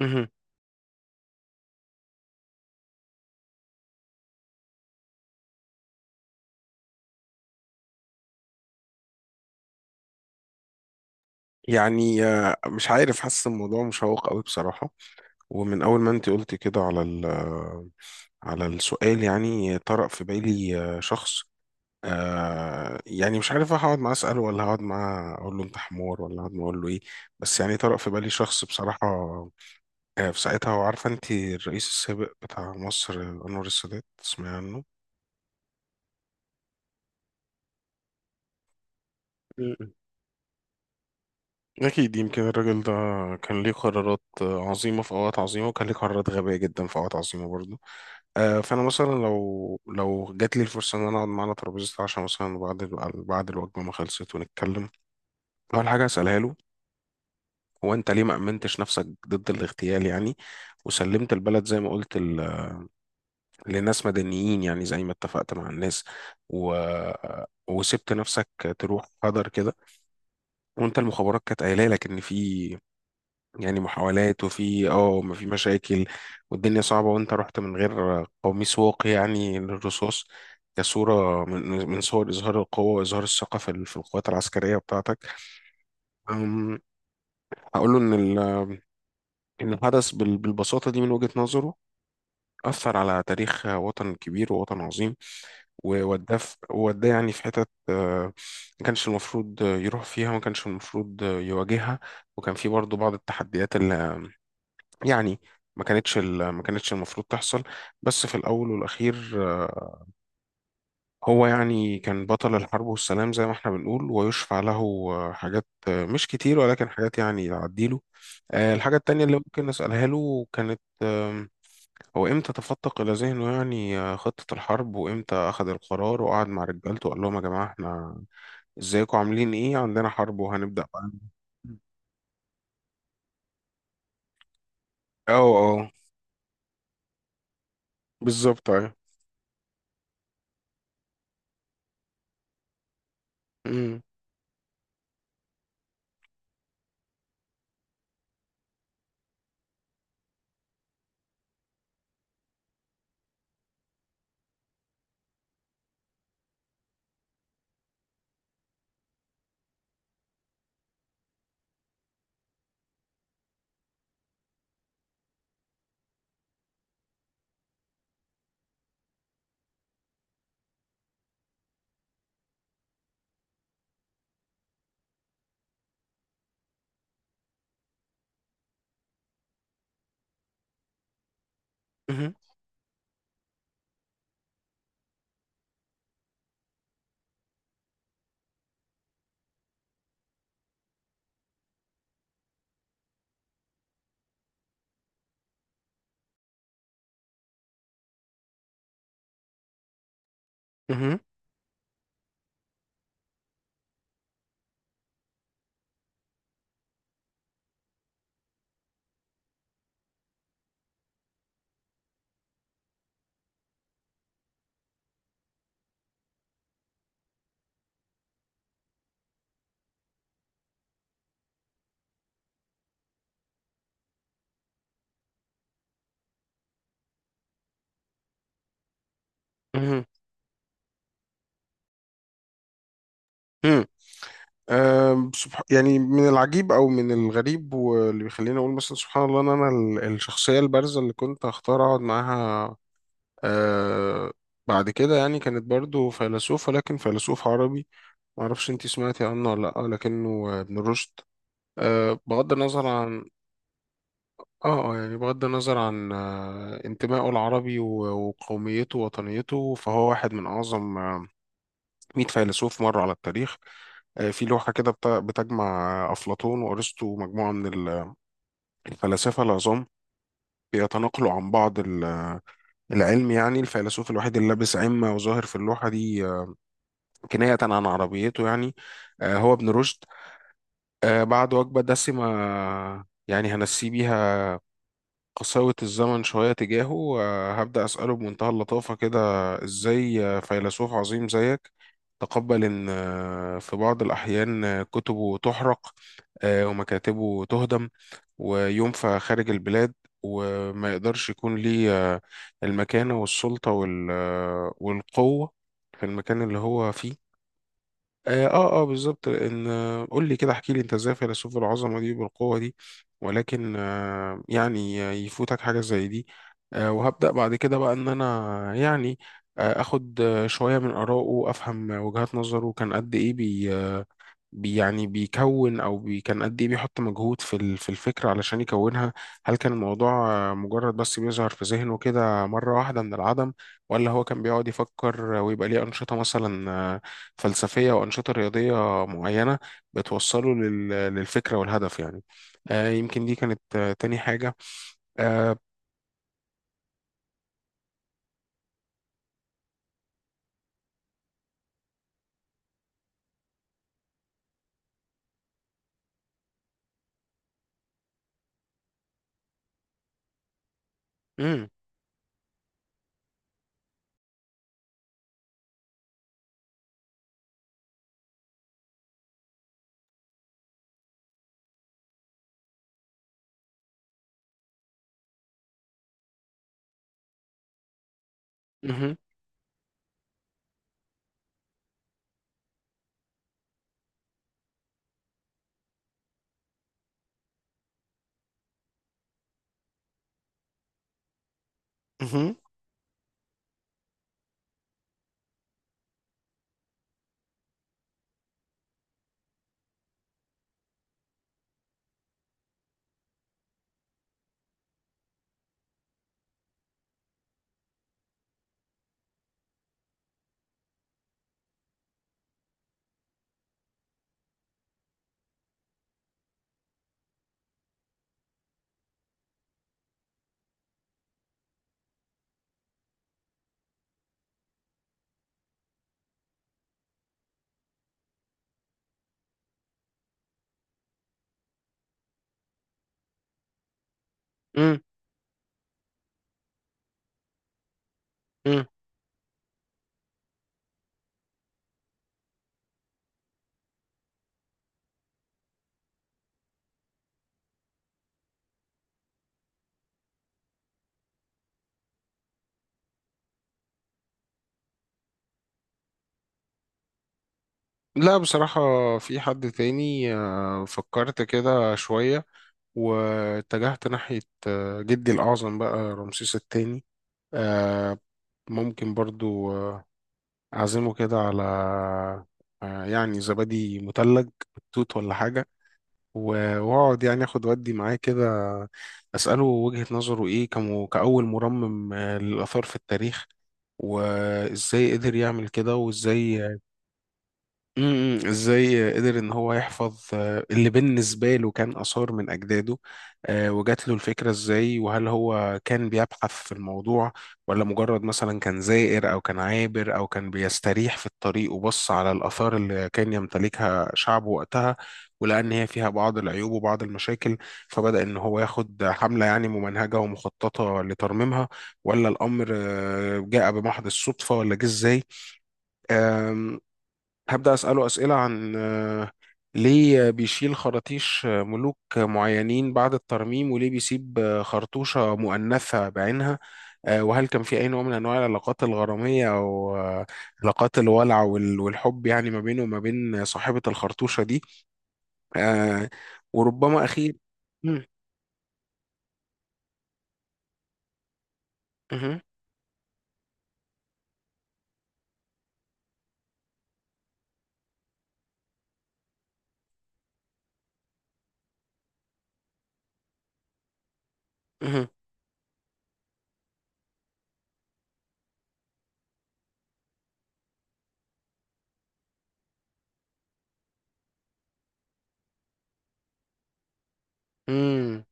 مهم. يعني مش عارف، حاسس الموضوع مشوق قوي بصراحة. ومن أول ما أنت قلت كده على ال آه، على السؤال، يعني طرأ في بالي شخص. يعني مش عارف هقعد معاه أسأله، ولا هقعد معاه أقول له أنت حمار، ولا هقعد معاه أقول له إيه. بس يعني طرأ في بالي شخص بصراحة في ساعتها، وعارفة أنت الرئيس السابق بتاع مصر أنور السادات، تسمعي عنه؟ مم. أكيد يمكن الراجل ده كان ليه قرارات عظيمة في أوقات عظيمة، وكان ليه قرارات غبية جدا في أوقات عظيمة برضه. فانا مثلا لو جات لي الفرصه ان انا اقعد معانا ترابيزه عشاء، مثلا بعد بعد الوجبه ما خلصت ونتكلم، اول حاجه اسالها له: هو انت ليه ما امنتش نفسك ضد الاغتيال يعني؟ وسلمت البلد زي ما قلت لناس مدنيين، يعني زي ما اتفقت مع الناس، و... وسبت نفسك تروح هدر كده، وانت المخابرات كانت قايله لك ان في يعني محاولات، وفي ما في مشاكل، والدنيا صعبة، وانت رحت من غير قميص واقي يعني للرصاص، كصورة من صور إظهار القوة وإظهار الثقة في القوات العسكرية بتاعتك. أم، هقول له إن الحدث بالبساطة دي من وجهة نظره أثر على تاريخ وطن كبير ووطن عظيم، ووداه يعني في حتت ما كانش المفروض يروح فيها، ما كانش المفروض يواجهها. وكان في برضه بعض التحديات يعني، ما كانتش المفروض تحصل. بس في الأول والأخير هو يعني كان بطل الحرب والسلام زي ما احنا بنقول، ويشفع له حاجات مش كتير، ولكن حاجات يعني تعديله. الحاجة التانية اللي ممكن أسألها له كانت هو إمتى تفتق إلى ذهنه يعني خطة الحرب، وإمتى أخذ القرار وقعد مع رجالته وقال لهم: يا جماعة احنا ازيكم، عاملين إيه، عندنا حرب وهنبدأ بقى. اه اه، بالظبط، ايوه. مم. مهم. مهم. مهم. مهم. يعني من العجيب او من الغريب، واللي بيخليني اقول مثلا سبحان الله، ان انا الشخصيه البارزه اللي كنت هختار اقعد معاها أه، بعد كده يعني كانت برضو فيلسوف، ولكن فيلسوف عربي، ما اعرفش انتي سمعتي عنه ولا لا، لكنه ابن رشد. أه، بغض النظر عن بغض النظر عن انتمائه العربي وقوميته ووطنيته، فهو واحد من اعظم 100 فيلسوف مروا على التاريخ. في لوحة كده بتجمع أفلاطون وأرسطو، مجموعة من الفلاسفة العظام بيتناقلوا عن بعض العلم، يعني الفيلسوف الوحيد اللي لابس عمة وظاهر في اللوحة دي كناية عن عربيته يعني هو ابن رشد. بعد وجبة دسمة يعني هنسي بيها قساوة الزمن شوية تجاهه، وهبدأ أسأله بمنتهى اللطافة كده: إزاي فيلسوف عظيم زيك تقبل إن في بعض الأحيان كتبه تحرق، ومكاتبه تهدم، وينفى خارج البلاد، وما يقدرش يكون ليه المكانة والسلطة والقوة في المكان اللي هو فيه؟ اه اه، بالظبط. ان قول لي كده، احكي لي انت ازاي فيلسوف العظمه دي بالقوه دي، ولكن يعني يفوتك حاجه زي دي. وهبدا بعد كده بقى ان انا يعني اخد شويه من اراءه وافهم وجهات نظره. كان قد ايه بي آه، بي- يعني بيكون او بي كان قد ايه بيحط مجهود في الفكره علشان يكونها؟ هل كان الموضوع مجرد بس بيظهر في ذهنه كده مره واحده من العدم، ولا هو كان بيقعد يفكر ويبقى ليه انشطه مثلا فلسفيه وانشطه رياضيه معينه بتوصله للفكره والهدف يعني؟ يمكن دي كانت تاني حاجه. آه، مم، مهم، مهم، مم، مم. لا بصراحة، في حد تاني فكرت كده شوية واتجهت ناحية جدي الأعظم بقى رمسيس الثاني. آه، ممكن برضو أعزمه كده على يعني زبادي مثلج توت ولا حاجة، وأقعد يعني أخد ودي معاه كده، أسأله وجهة نظره إيه كأول مرمم للآثار في التاريخ، وإزاي قدر يعمل كده وإزاي. ازاي قدر ان هو يحفظ اللي بالنسبه له كان اثار من اجداده، وجات له الفكره ازاي؟ وهل هو كان بيبحث في الموضوع، ولا مجرد مثلا كان زائر او كان عابر او كان بيستريح في الطريق وبص على الاثار اللي كان يمتلكها شعبه وقتها، ولقى ان هي فيها بعض العيوب وبعض المشاكل، فبدأ ان هو ياخد حمله يعني ممنهجه ومخططه لترميمها؟ ولا الامر جاء بمحض الصدفه؟ ولا جه ازاي؟ هبدأ أسأله أسئلة عن ليه بيشيل خراطيش ملوك معينين بعد الترميم، وليه بيسيب خرطوشة مؤنثة بعينها. وهل كان في أي نوع من أنواع العلاقات الغرامية أو علاقات الولع والحب يعني ما بينه وما بين صاحبة الخرطوشة دي؟ آه، وربما أخير. مم، مهم، مهم، مم.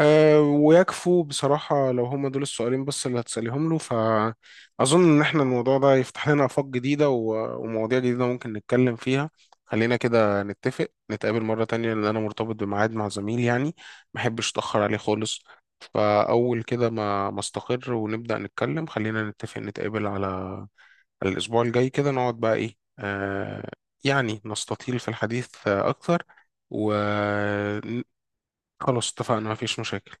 أه، ويكفوا بصراحة، لو هما دول السؤالين بس اللي هتسأليهم له، فأظن إن إحنا الموضوع ده يفتح لنا آفاق جديدة ومواضيع جديدة ممكن نتكلم فيها. خلينا كده نتفق نتقابل مرة تانية، لأن أنا مرتبط بميعاد مع زميل يعني، محبش أتأخر عليه خالص. فأول كده ما استقر ونبدأ نتكلم، خلينا نتفق نتقابل على الأسبوع الجاي، كده نقعد بقى إيه، أه، يعني نستطيل في الحديث أكتر، وخلاص اتفقنا مفيش مشاكل.